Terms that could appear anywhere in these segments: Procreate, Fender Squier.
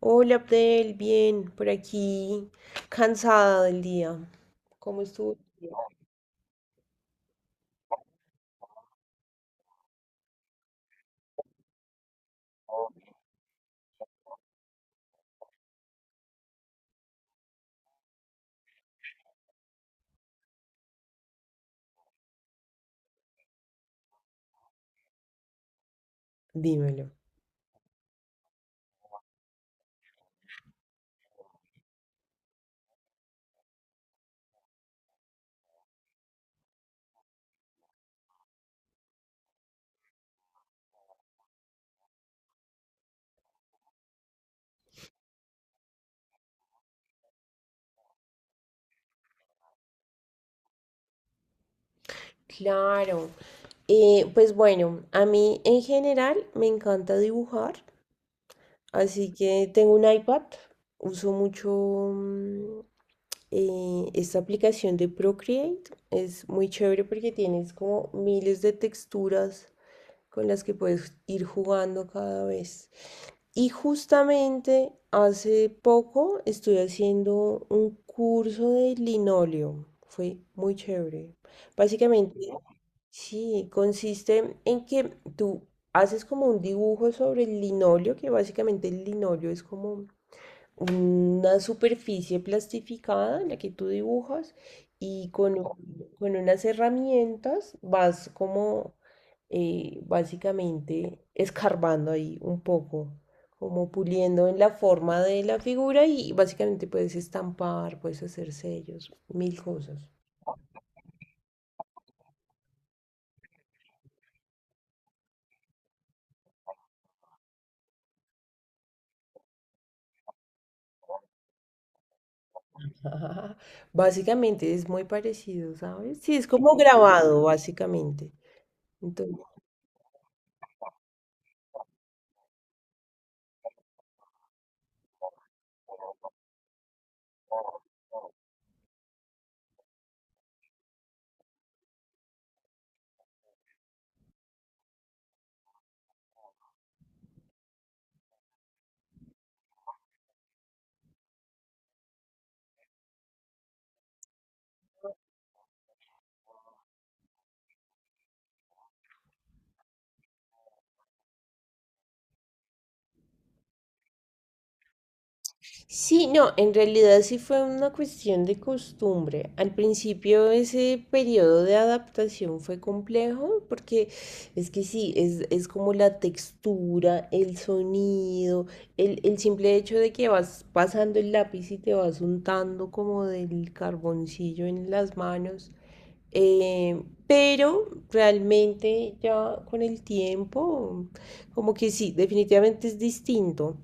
Hola Abdel, bien, por aquí, cansada del día. ¿Cómo estuvo tu día? Dímelo. Claro. Pues bueno, a mí en general me encanta dibujar. Así que tengo un iPad, uso mucho mm, esta aplicación de Procreate. Es muy chévere porque tienes como miles de texturas con las que puedes ir jugando cada vez. Y justamente hace poco estuve haciendo un curso de linóleo. Fue muy chévere. Básicamente, sí, consiste en que tú haces como un dibujo sobre el linóleo, que básicamente el linóleo es como una superficie plastificada en la que tú dibujas y con unas herramientas vas como básicamente escarbando ahí un poco, como puliendo en la forma de la figura, y básicamente puedes estampar, puedes hacer sellos, mil cosas. Ajá. Básicamente es muy parecido, ¿sabes? Sí, es como grabado, básicamente. Sí, no, en realidad sí fue una cuestión de costumbre. Al principio ese periodo de adaptación fue complejo porque es que sí, es como la textura, el sonido, el simple hecho de que vas pasando el lápiz y te vas untando como del carboncillo en las manos. Eh, pero realmente ya con el tiempo, como que sí, definitivamente es distinto,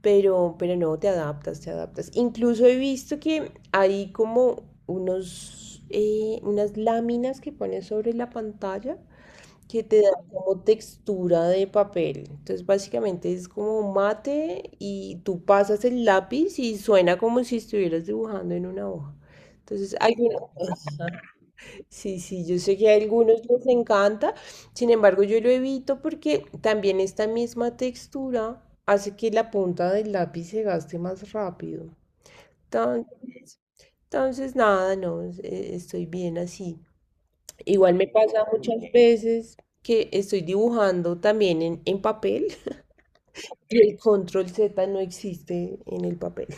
pero, no, te adaptas, te adaptas. Incluso he visto que hay como unos, unas láminas que pones sobre la pantalla que te da como textura de papel. Entonces, básicamente es como mate y tú pasas el lápiz y suena como si estuvieras dibujando en una hoja. Entonces, hay una... Sí, sí, yo sé que a algunos les encanta, sin embargo yo lo evito porque también esta misma textura hace que la punta del lápiz se gaste más rápido. Entonces, nada, no, estoy bien así. Igual me pasa muchas veces que estoy dibujando también en papel y el control Z no existe en el papel.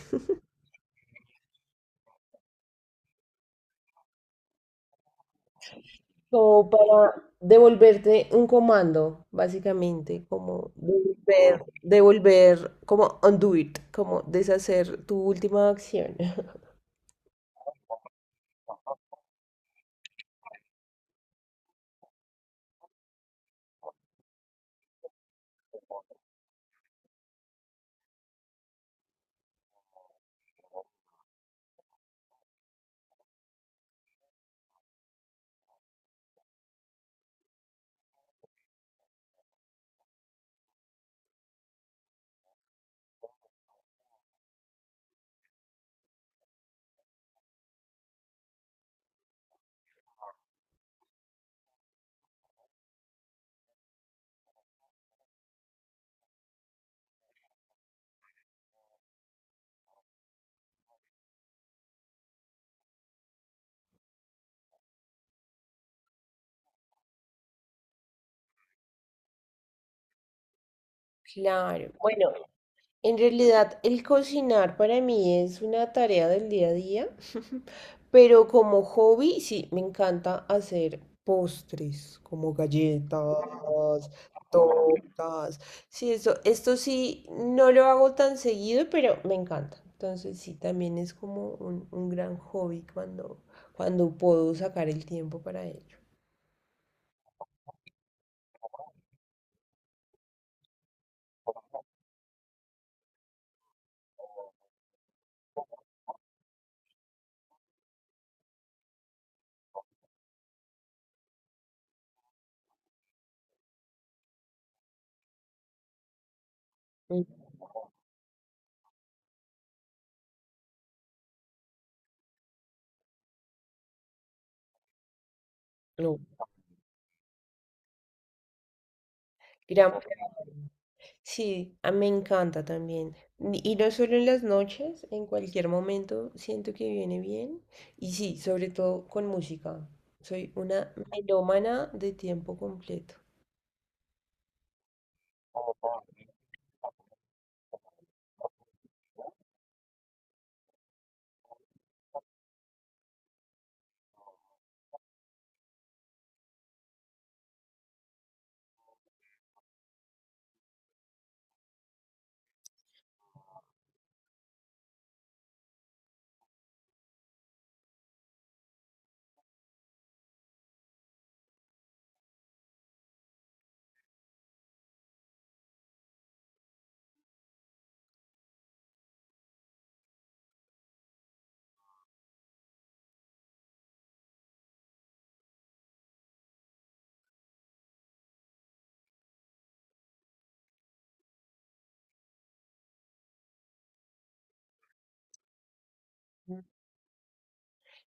Como para devolverte un comando, básicamente, como devolver, como undo it, como deshacer tu última acción. Claro, bueno. En realidad, el cocinar para mí es una tarea del día a día, pero como hobby sí, me encanta hacer postres, como galletas, tortas. Sí, eso, esto sí, no lo hago tan seguido, pero me encanta. Entonces sí, también es como un gran hobby cuando, cuando puedo sacar el tiempo para ello. Mm. No, gran plan. Sí, a- me encanta también. Ni- Y no solo en las noches, en cualquier momento siento que viene bien. Y sí, sobre todo con música. Soy una melómana de tiempo completo.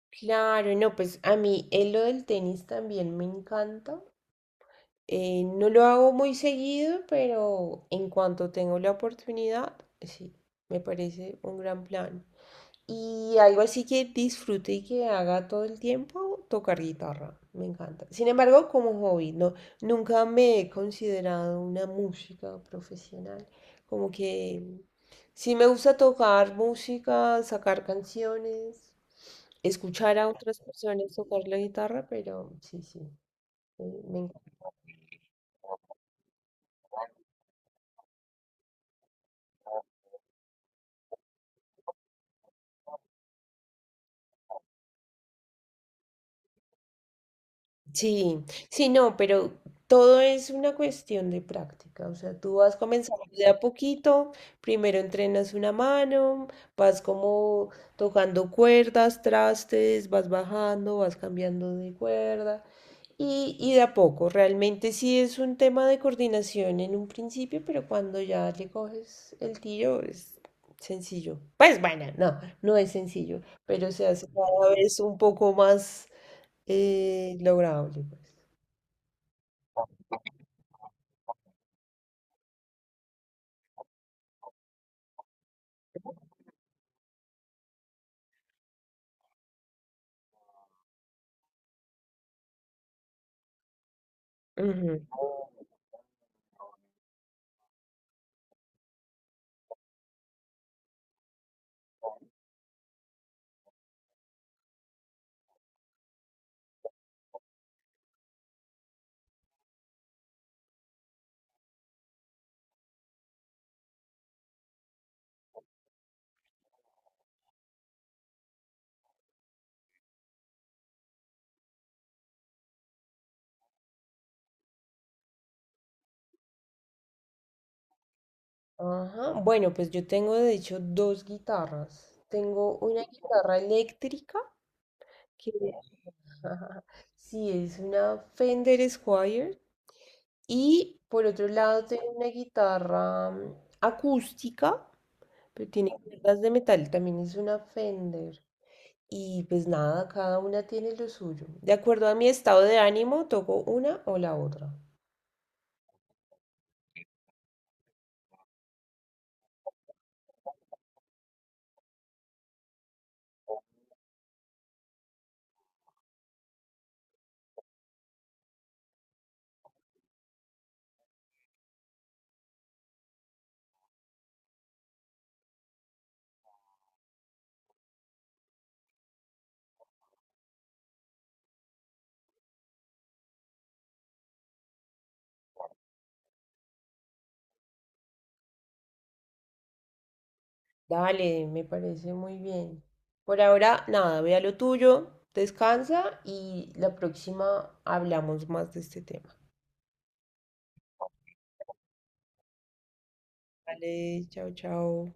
Claro, no, pues a mí lo del tenis también me encanta. No lo hago muy seguido, pero en cuanto tengo la oportunidad, sí, me parece un gran plan. Y algo así que disfrute y que haga todo el tiempo, tocar guitarra. Me encanta. Sin embargo, como hobby, no, nunca me he considerado una música profesional. Como que sí me gusta tocar música, sacar canciones, escuchar a otras personas tocar la guitarra, pero sí, sí, me sí, sí, no, pero todo es una cuestión de práctica. O sea, tú vas comenzando de a poquito, primero entrenas una mano, vas como tocando cuerdas, trastes, vas bajando, vas cambiando de cuerda. Y de a poco, realmente sí es un tema de coordinación en un principio, pero cuando ya le coges el tiro es sencillo. Pues bueno, no, no es sencillo, pero se hace cada vez un poco más lograble, pues. Ujú. Ajá. Bueno, pues yo tengo de hecho 2 guitarras. Tengo una guitarra eléctrica. Qué sí, es una Fender Squier. Y por otro lado tengo una guitarra acústica, pero tiene cuerdas de metal, también es una Fender. Y pues nada, cada una tiene lo suyo. De acuerdo a mi estado de ánimo, toco una o la otra. Dale, me parece muy bien. Por ahora, nada, ve a lo tuyo, descansa y la próxima hablamos más de este tema. Vale, chao, chao.